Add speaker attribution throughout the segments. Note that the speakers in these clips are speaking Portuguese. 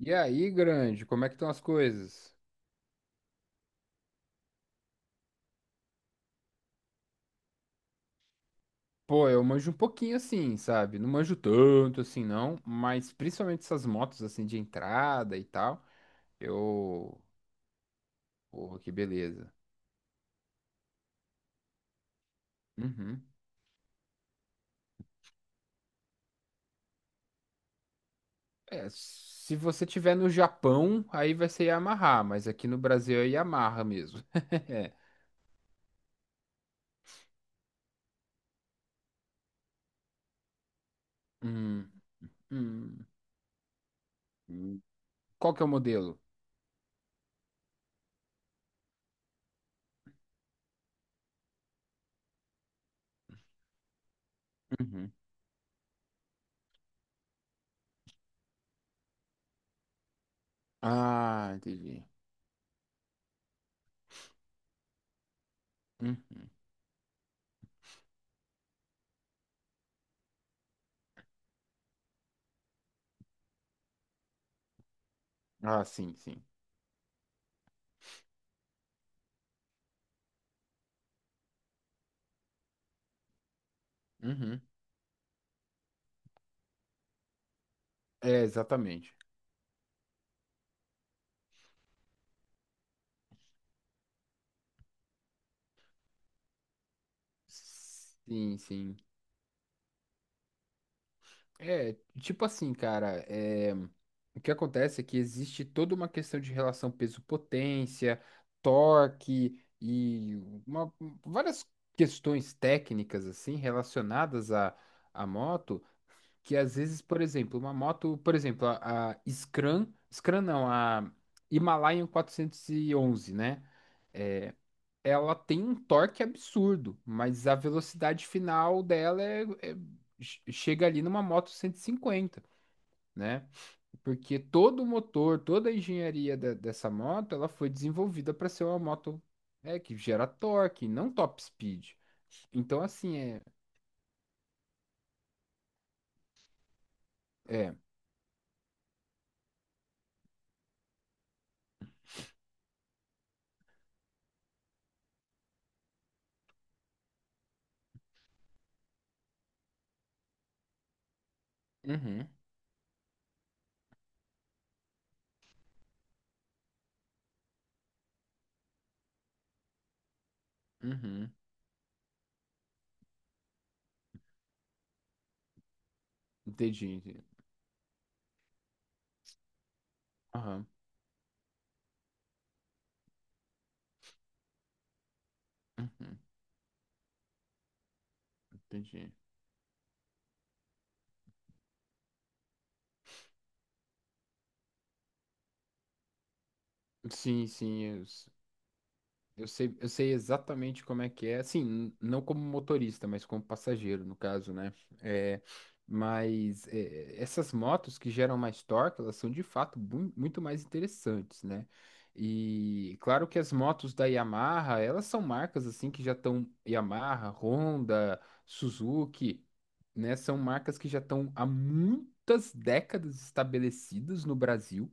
Speaker 1: E aí, grande, como é que estão as coisas? Pô, eu manjo um pouquinho assim, sabe? Não manjo tanto assim, não, mas principalmente essas motos assim de entrada e tal. Eu. Porra, que beleza. Uhum. É, se você tiver no Japão, aí vai ser Yamaha, mas aqui no Brasil é Yamaha mesmo. Hum, hum, hum. Qual que é o modelo? Uhum. Ah, entendi. Hum. Ah, sim, sim. Uhum. É, exatamente. Sim, sim. É, tipo assim, cara, o que acontece é que existe toda uma questão de relação peso-potência, torque e uma- várias questões técnicas, assim, relacionadas à moto, que às vezes, por exemplo, uma moto, por exemplo, a Scram, Scram não, a Himalayan 411, né? Ela tem um torque absurdo, mas a velocidade final dela é, chega ali numa moto 150, né? Porque todo o motor, toda a engenharia dessa moto, ela foi desenvolvida para ser uma moto que gera torque, não top speed. Então, assim, é. É. Uhum, uhum. Entendi, entendi. Aham. Uhum, entendi. Sim, sim. Eu sei exatamente como é que é, assim, não como motorista, mas como passageiro, no caso, né? É, mas é, essas motos que geram mais torque, elas são de fato muito mais interessantes, né? E claro que as motos da Yamaha, elas são marcas assim que já estão Yamaha, Honda, Suzuki, né? São marcas que já estão há muitas décadas estabelecidas no Brasil,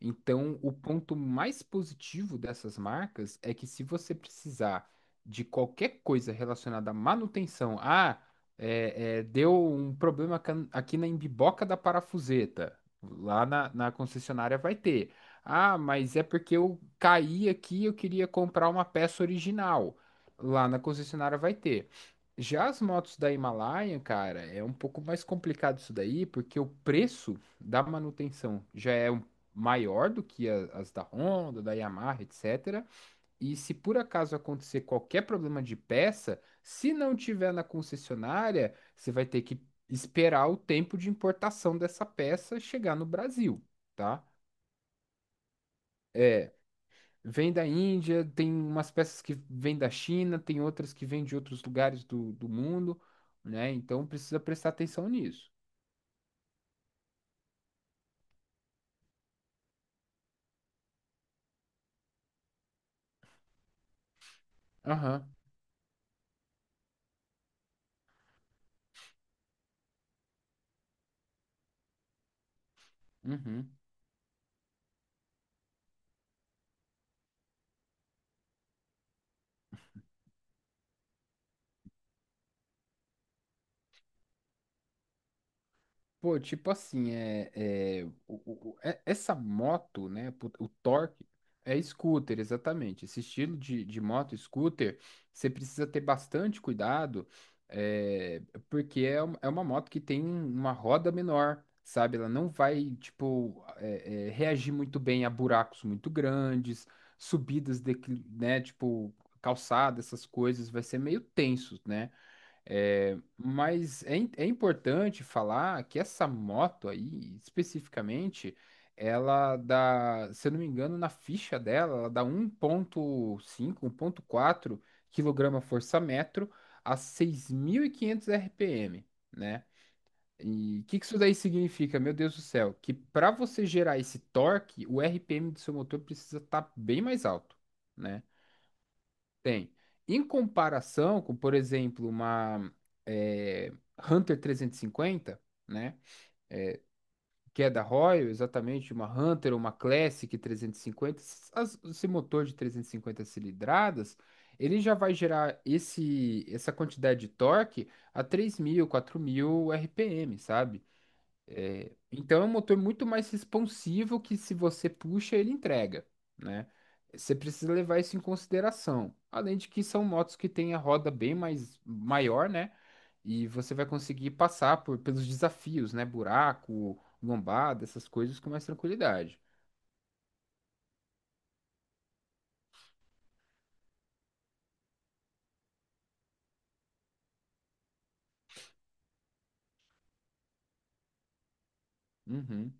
Speaker 1: então, o ponto mais positivo dessas marcas é que se você precisar de qualquer coisa relacionada à manutenção, ah, deu um problema aqui na embiboca da parafuseta, lá na concessionária vai ter. Ah, mas é porque eu caí aqui, eu queria comprar uma peça original. Lá na concessionária vai ter. Já as motos da Himalaia, cara, é um pouco mais complicado isso daí, porque o preço da manutenção já é maior do que as da Honda, da Yamaha, etc. E se por acaso acontecer qualquer problema de peça, se não tiver na concessionária, você vai ter que esperar o tempo de importação dessa peça chegar no Brasil, tá? É, vem da Índia, tem umas peças que vêm da China, tem outras que vêm de outros lugares do, do mundo, né? Então precisa prestar atenção nisso. Aham, uhum. Pô, tipo assim, essa moto, né? O torque é scooter, exatamente. Esse estilo de moto scooter, você precisa ter bastante cuidado, é, porque é, é uma moto que tem uma roda menor, sabe? Ela não vai, tipo, reagir muito bem a buracos muito grandes, subidas, né? Tipo, calçada, essas coisas, vai ser meio tenso, né? É, mas é, é importante falar que essa moto aí, especificamente, ela dá, se eu não me engano, na ficha dela, ela dá um um ponto cinco, um ponto quatro quilograma força metro a 6.500 RPM, né? E o que, que isso daí significa, meu Deus do céu? Que para você gerar esse torque, o RPM do seu motor precisa estar bem mais alto, né? Tem. Em comparação com, por exemplo, uma eh, Hunter 350, né? Que é da Royal, exatamente, uma Hunter, ou uma Classic 350, esse motor de 350 cilindradas, ele já vai gerar esse, essa quantidade de torque a 3.000, 4.000 RPM, sabe? É, então é um motor muito mais responsivo que se você puxa, ele entrega, né? Você precisa levar isso em consideração. Além de que são motos que têm a roda bem mais maior, né? E você vai conseguir passar por, pelos desafios, né? Buraco, lombada, essas coisas com mais tranquilidade. Uhum.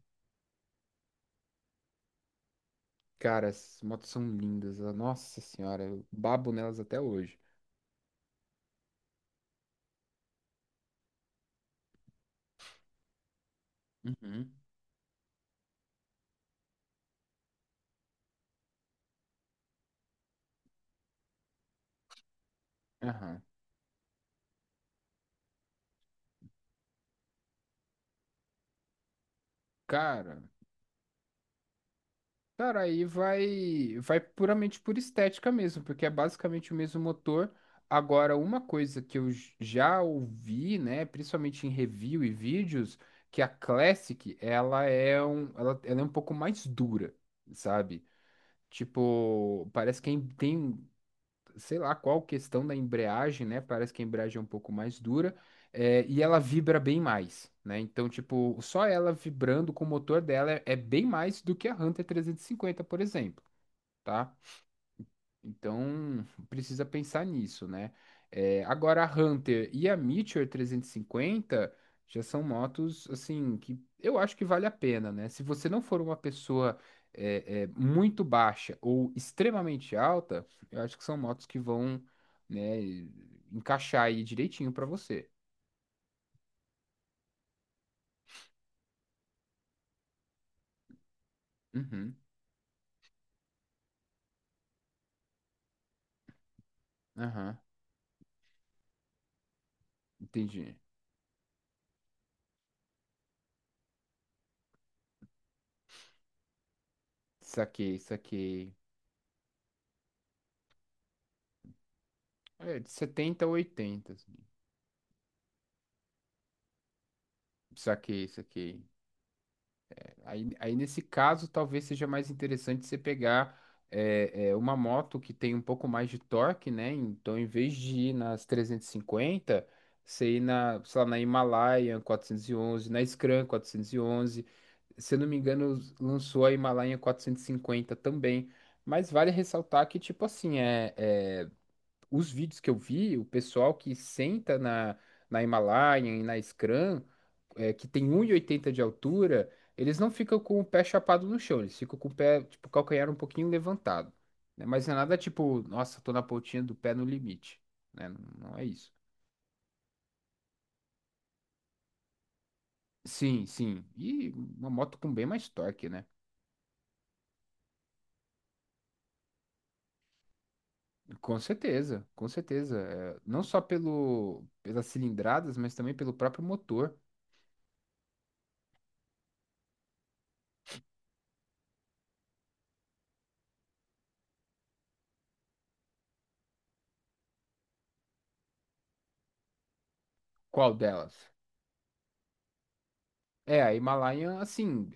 Speaker 1: Cara, as motos são lindas. Nossa senhora, eu babo nelas até hoje. Uhum. Aham. Cara, Cara, aí vai, vai puramente por estética mesmo, porque é basicamente o mesmo motor. Agora, uma coisa que eu já ouvi, né, principalmente em review e vídeos, que a Classic, ela é um, ela é um pouco mais dura, sabe? Tipo, parece que tem sei lá qual questão da embreagem, né? Parece que a embreagem é um pouco mais dura, é, e ela vibra bem mais, né? Então, tipo, só ela vibrando com o motor dela é, é bem mais do que a Hunter 350, por exemplo. Tá? Então, precisa pensar nisso, né? É, agora, a Hunter e a Meteor 350 já são motos, assim, que eu acho que vale a pena, né? Se você não for uma pessoa muito baixa ou extremamente alta, eu acho que são motos que vão, né, encaixar aí direitinho pra você. Uhum, aham, entendi. Saquei, saquei. É, de 70 a 80, assim. Saquei, saquei. Aí nesse caso, talvez seja mais interessante você pegar uma moto que tem um pouco mais de torque, né? Então, em vez de ir nas 350, você ir na, sei lá, na Himalayan 411, na Scram 411. Se eu não me engano, lançou a Himalayan 450 também. Mas vale ressaltar que, tipo assim, os vídeos que eu vi, o pessoal que senta na, na Himalaia e na Scrum, é, que tem 1,80 de altura, eles não ficam com o pé chapado no chão, eles ficam com o pé, tipo, calcanhar um pouquinho levantado, né? Mas não é nada tipo, nossa, tô na pontinha do pé no limite, né? Não é isso. Sim, sim. E uma moto com bem mais torque, né? Com certeza, com certeza. É, não só pelo, pelas cilindradas, mas também pelo próprio motor. Qual delas? É, a Himalayan, assim,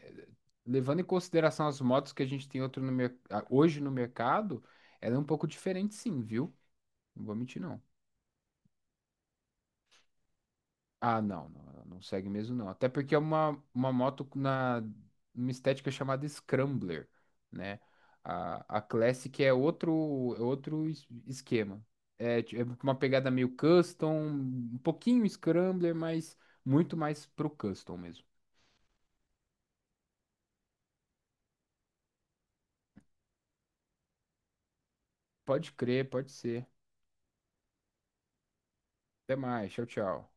Speaker 1: levando em consideração as motos que a gente tem outro no hoje no mercado, ela é um pouco diferente sim, viu? Não vou mentir, não. Ah, não, não, ela não segue mesmo, não. Até porque é uma moto na uma estética chamada Scrambler, né? A Classic é outro esquema. É, é uma pegada meio custom, um pouquinho Scrambler, mas muito mais pro custom mesmo. Pode crer, pode ser. Até mais, tchau, tchau.